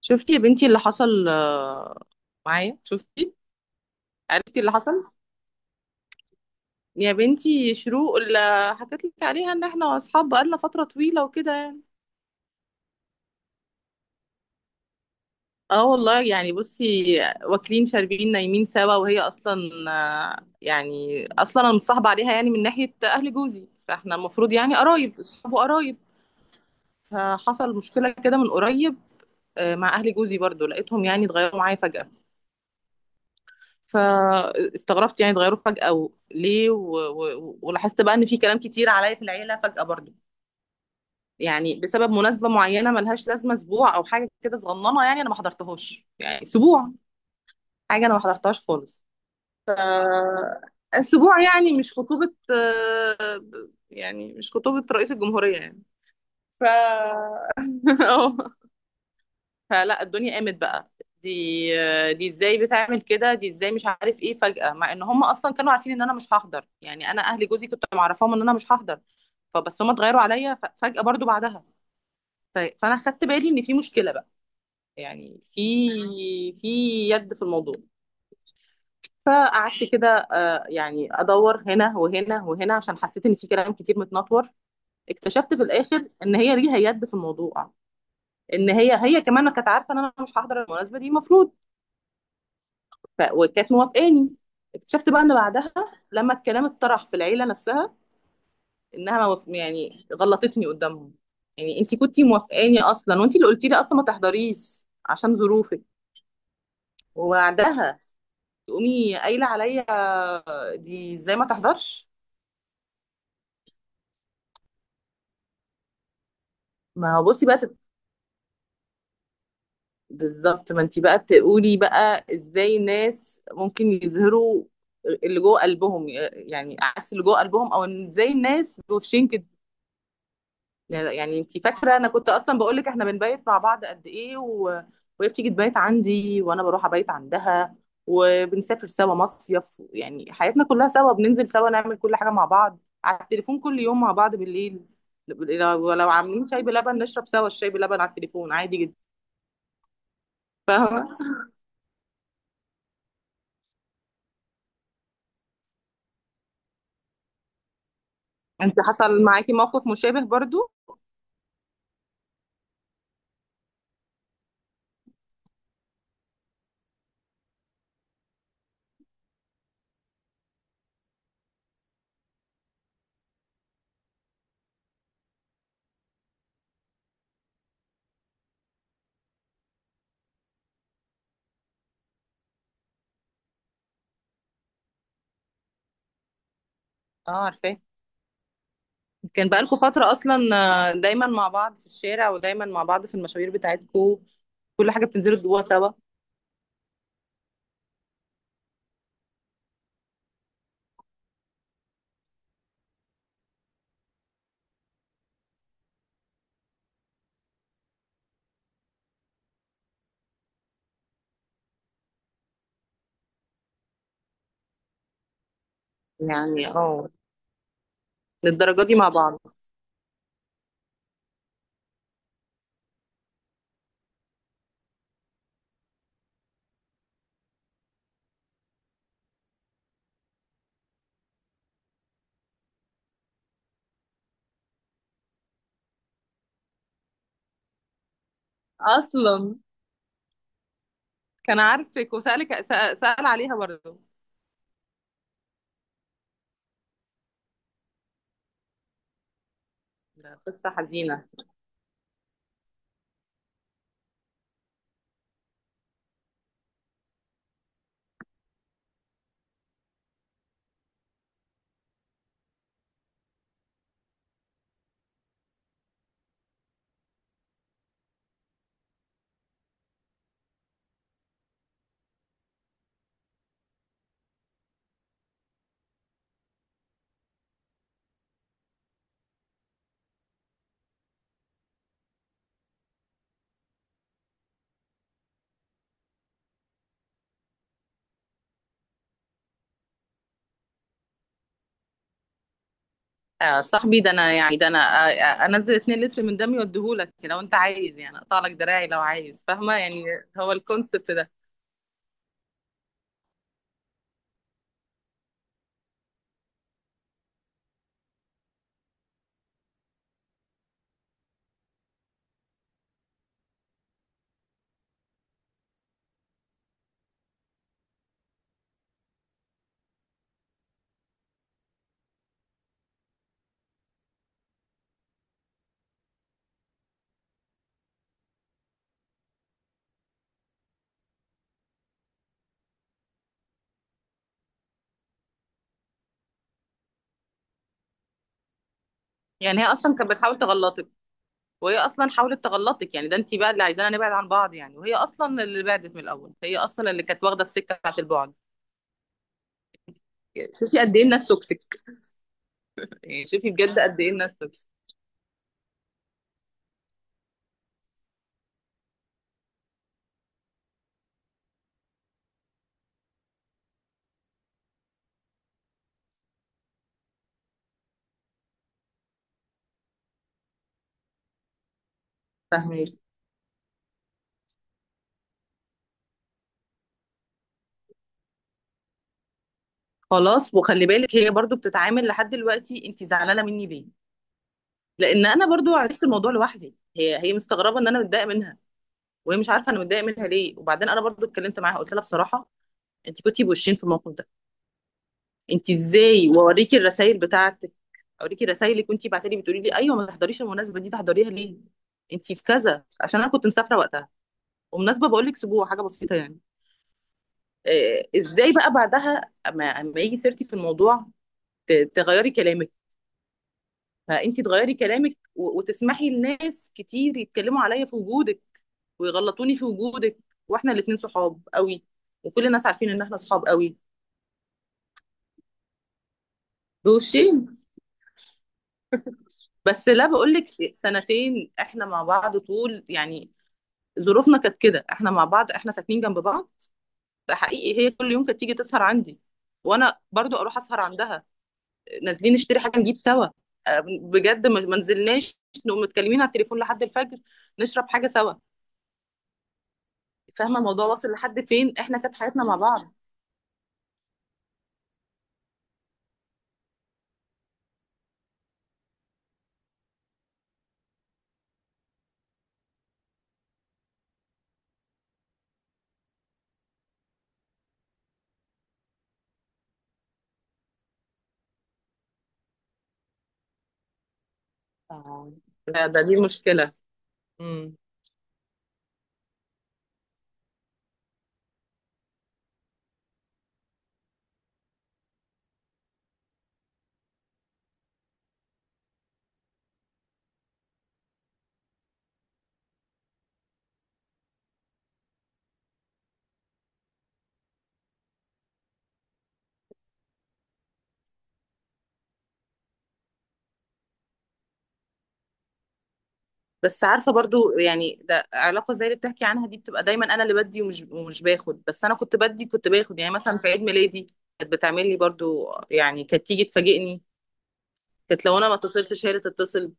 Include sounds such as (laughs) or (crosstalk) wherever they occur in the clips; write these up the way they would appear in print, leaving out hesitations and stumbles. شفتي يا بنتي اللي حصل معايا؟ شفتي؟ عرفتي اللي حصل؟ يا بنتي، شروق اللي حكيت لك عليها ان احنا اصحاب بقالنا فترة طويلة وكده يعني. اه والله، يعني بصي، واكلين شاربين نايمين سوا، وهي اصلا يعني اصلا انا متصاحبة عليها يعني من ناحية اهل جوزي، فاحنا المفروض يعني قرايب اصحاب وقرايب. فحصل مشكلة كده من قريب مع اهل جوزي برضو، لقيتهم يعني اتغيروا معايا فجأة. فاستغربت يعني اتغيروا فجأة ليه، ولاحظت بقى ان في كلام كتير عليا في العيلة فجأة برضو، يعني بسبب مناسبة معينة ملهاش لازمة، اسبوع او حاجة كده صغننة يعني انا ما حضرتهاش، يعني اسبوع، حاجة انا ما حضرتهاش خالص. اسبوع يعني، مش خطوبة، يعني مش خطوبة رئيس الجمهورية يعني. ف (laughs) اه، فلا الدنيا قامت بقى. دي دي ازاي بتعمل كده؟ دي ازاي؟ مش عارف ايه، فجأة، مع ان هم اصلا كانوا عارفين ان انا مش هحضر، يعني انا اهل جوزي كنت معرفاهم ان انا مش هحضر. فبس هم اتغيروا عليا فجأة برضو بعدها. فانا خدت بالي ان في مشكلة بقى، يعني في يد في الموضوع. فقعدت كده يعني ادور هنا وهنا وهنا، عشان حسيت ان في كلام كتير متنطور. اكتشفت في الاخر ان هي ليها يد في الموضوع، ان هي كمان كانت عارفه ان انا مش هحضر المناسبه دي المفروض. وكانت موافقاني. اكتشفت بقى ان بعدها، لما الكلام اتطرح في العيله نفسها، انها ما وافق- يعني غلطتني قدامهم، يعني انت كنتي موافقاني اصلا، وانت اللي قلتي لي اصلا ما تحضريش عشان ظروفك. وبعدها تقومي قايله عليا دي ازاي ما تحضرش. ما هو بصي بقى بالظبط، ما انت بقى تقولي بقى ازاي الناس ممكن يظهروا اللي جوه قلبهم يعني عكس اللي جوه قلبهم، او إن ازاي الناس بوشين كده. يعني انت فاكره، انا كنت اصلا بقول لك احنا بنبيت مع بعض قد ايه وهي بتيجي تبيت عندي، وانا بروح ابيت عندها، وبنسافر سوا مصيف، يعني حياتنا كلها سوا، بننزل سوا، نعمل كل حاجه مع بعض، على التليفون كل يوم مع بعض بالليل. لو عاملين شاي بلبن نشرب سوا الشاي بلبن على التليفون، عادي جدا. فاهمه. انت حصل معاكي موقف مشابه برضو. اه عارفاه. كان بقالكوا فتره اصلا دايما مع بعض في الشارع، ودايما مع بعض في المشاوير بتاعتكوا، كل حاجه بتنزلوا جوا سوا. يعني اه، للدرجة دي مع بعض أصلا. كان عارفك، وسألك سأل عليها برضه. ده قصة حزينة. صاحبي ده أنا، يعني ده أنا، أنزل 2 لتر من دمي وأديهولك يعني لو أنت عايز، يعني أقطع لك دراعي لو عايز، فاهمة يعني؟ هو الكونسبت ده. يعني هي أصلا كانت بتحاول تغلطك، وهي أصلا حاولت تغلطك، يعني ده أنت بقى اللي عايزانا نبعد عن بعض يعني، وهي أصلا اللي بعدت من الأول، هي أصلا اللي كانت واخدة السكة بتاعت البعد. يعني شوفي قد إيه الناس توكسيك. يعني شوفي بجد قد إيه الناس توكسيك. فاهمة؟ خلاص، وخلي بالك هي برضو بتتعامل لحد دلوقتي، انت زعلانه مني ليه؟ لان انا برضو عرفت الموضوع لوحدي. هي مستغربه ان انا متضايقه منها، وهي مش عارفه انا متضايقه منها ليه. وبعدين انا برضو اتكلمت معاها، قلت لها بصراحه، انت كنتي بوشين في الموقف ده، انت ازاي؟ واوريكي الرسائل بتاعتك، اوريكي الرسائل اللي كنتي بعتلي بتقولي لي ايوه ما تحضريش المناسبه دي، تحضريها ليه؟ انت في كذا عشان انا كنت مسافره وقتها، ومناسبه بقول لك اسبوع، حاجه بسيطه يعني. ازاي بقى بعدها، اما يجي سيرتي في الموضوع تغيري كلامك، فانت تغيري كلامك وتسمحي لناس كتير يتكلموا عليا في وجودك، ويغلطوني في وجودك، واحنا الاتنين صحاب قوي، وكل الناس عارفين ان احنا صحاب قوي، بوشين. بس لا، بقول لك، سنتين احنا مع بعض طول يعني، ظروفنا كانت كده، احنا مع بعض، احنا ساكنين جنب بعض، حقيقي هي كل يوم كانت تيجي تسهر عندي، وانا برضو اروح اسهر عندها، نازلين نشتري حاجه نجيب سوا، بجد ما نزلناش، نقوم متكلمين على التليفون لحد الفجر، نشرب حاجه سوا. فاهمه الموضوع واصل لحد فين؟ احنا كانت حياتنا مع بعض. آه. ده, ده دي المشكله. امم بس عارفه برضو، يعني ده علاقه زي اللي بتحكي عنها دي، بتبقى دايما انا اللي بدي ومش باخد. بس انا كنت بدي، كنت باخد، يعني مثلا في عيد ميلادي كانت بتعمل لي برضو، يعني كانت تيجي تفاجئني، كانت لو انا ما اتصلتش هي اللي تتصل.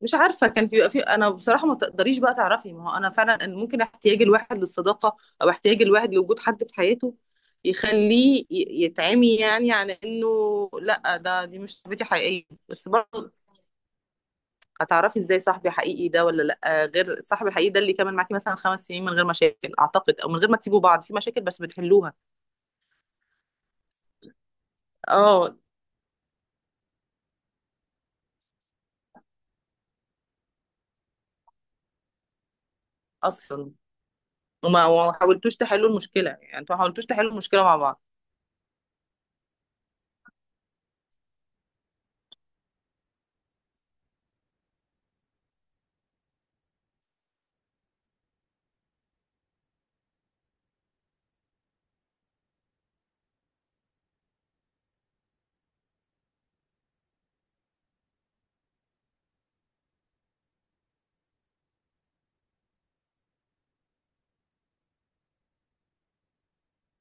مش عارفه، كان في، بيبقى في، انا بصراحه ما تقدريش بقى تعرفي. ما هو انا فعلا، أن ممكن احتياج الواحد للصداقه او احتياج الواحد لوجود حد في حياته يخليه يتعمي، يعني عن انه لا، ده دي مش صاحبتي حقيقيه. بس برضه هتعرفي ازاي صاحبي حقيقي ده ولا لا، غير الصاحب الحقيقي ده اللي كمل معاكي مثلا خمس سنين من غير مشاكل، اعتقد، او من غير ما تسيبوا بعض في مشاكل بس بتحلوها. اه اصلا، وما حاولتوش تحلوا المشكله، يعني انتوا ما حاولتوش تحلوا المشكله مع بعض،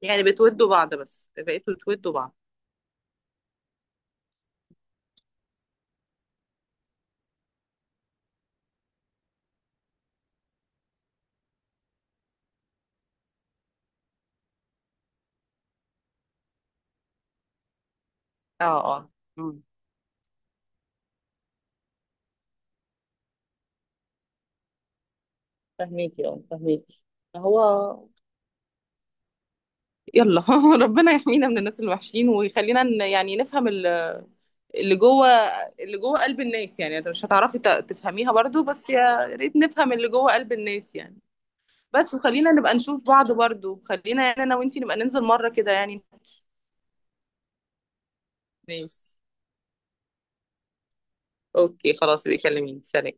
يعني بتودوا بعض بس، بقيتوا تودوا بعض. اه اه، فهميكي، اه فهميكي. هو يلا (laughs) ربنا يحمينا من الناس الوحشين، ويخلينا يعني نفهم اللي جوه اللي جوه قلب الناس. يعني انت مش هتعرفي تفهميها برضو، بس يا ريت نفهم اللي جوه قلب الناس يعني. بس وخلينا نبقى نشوف بعض برضو، خلينا يعني انا وانتي نبقى ننزل مرة كده يعني. ماشي اوكي خلاص، بيكلميني. سلام.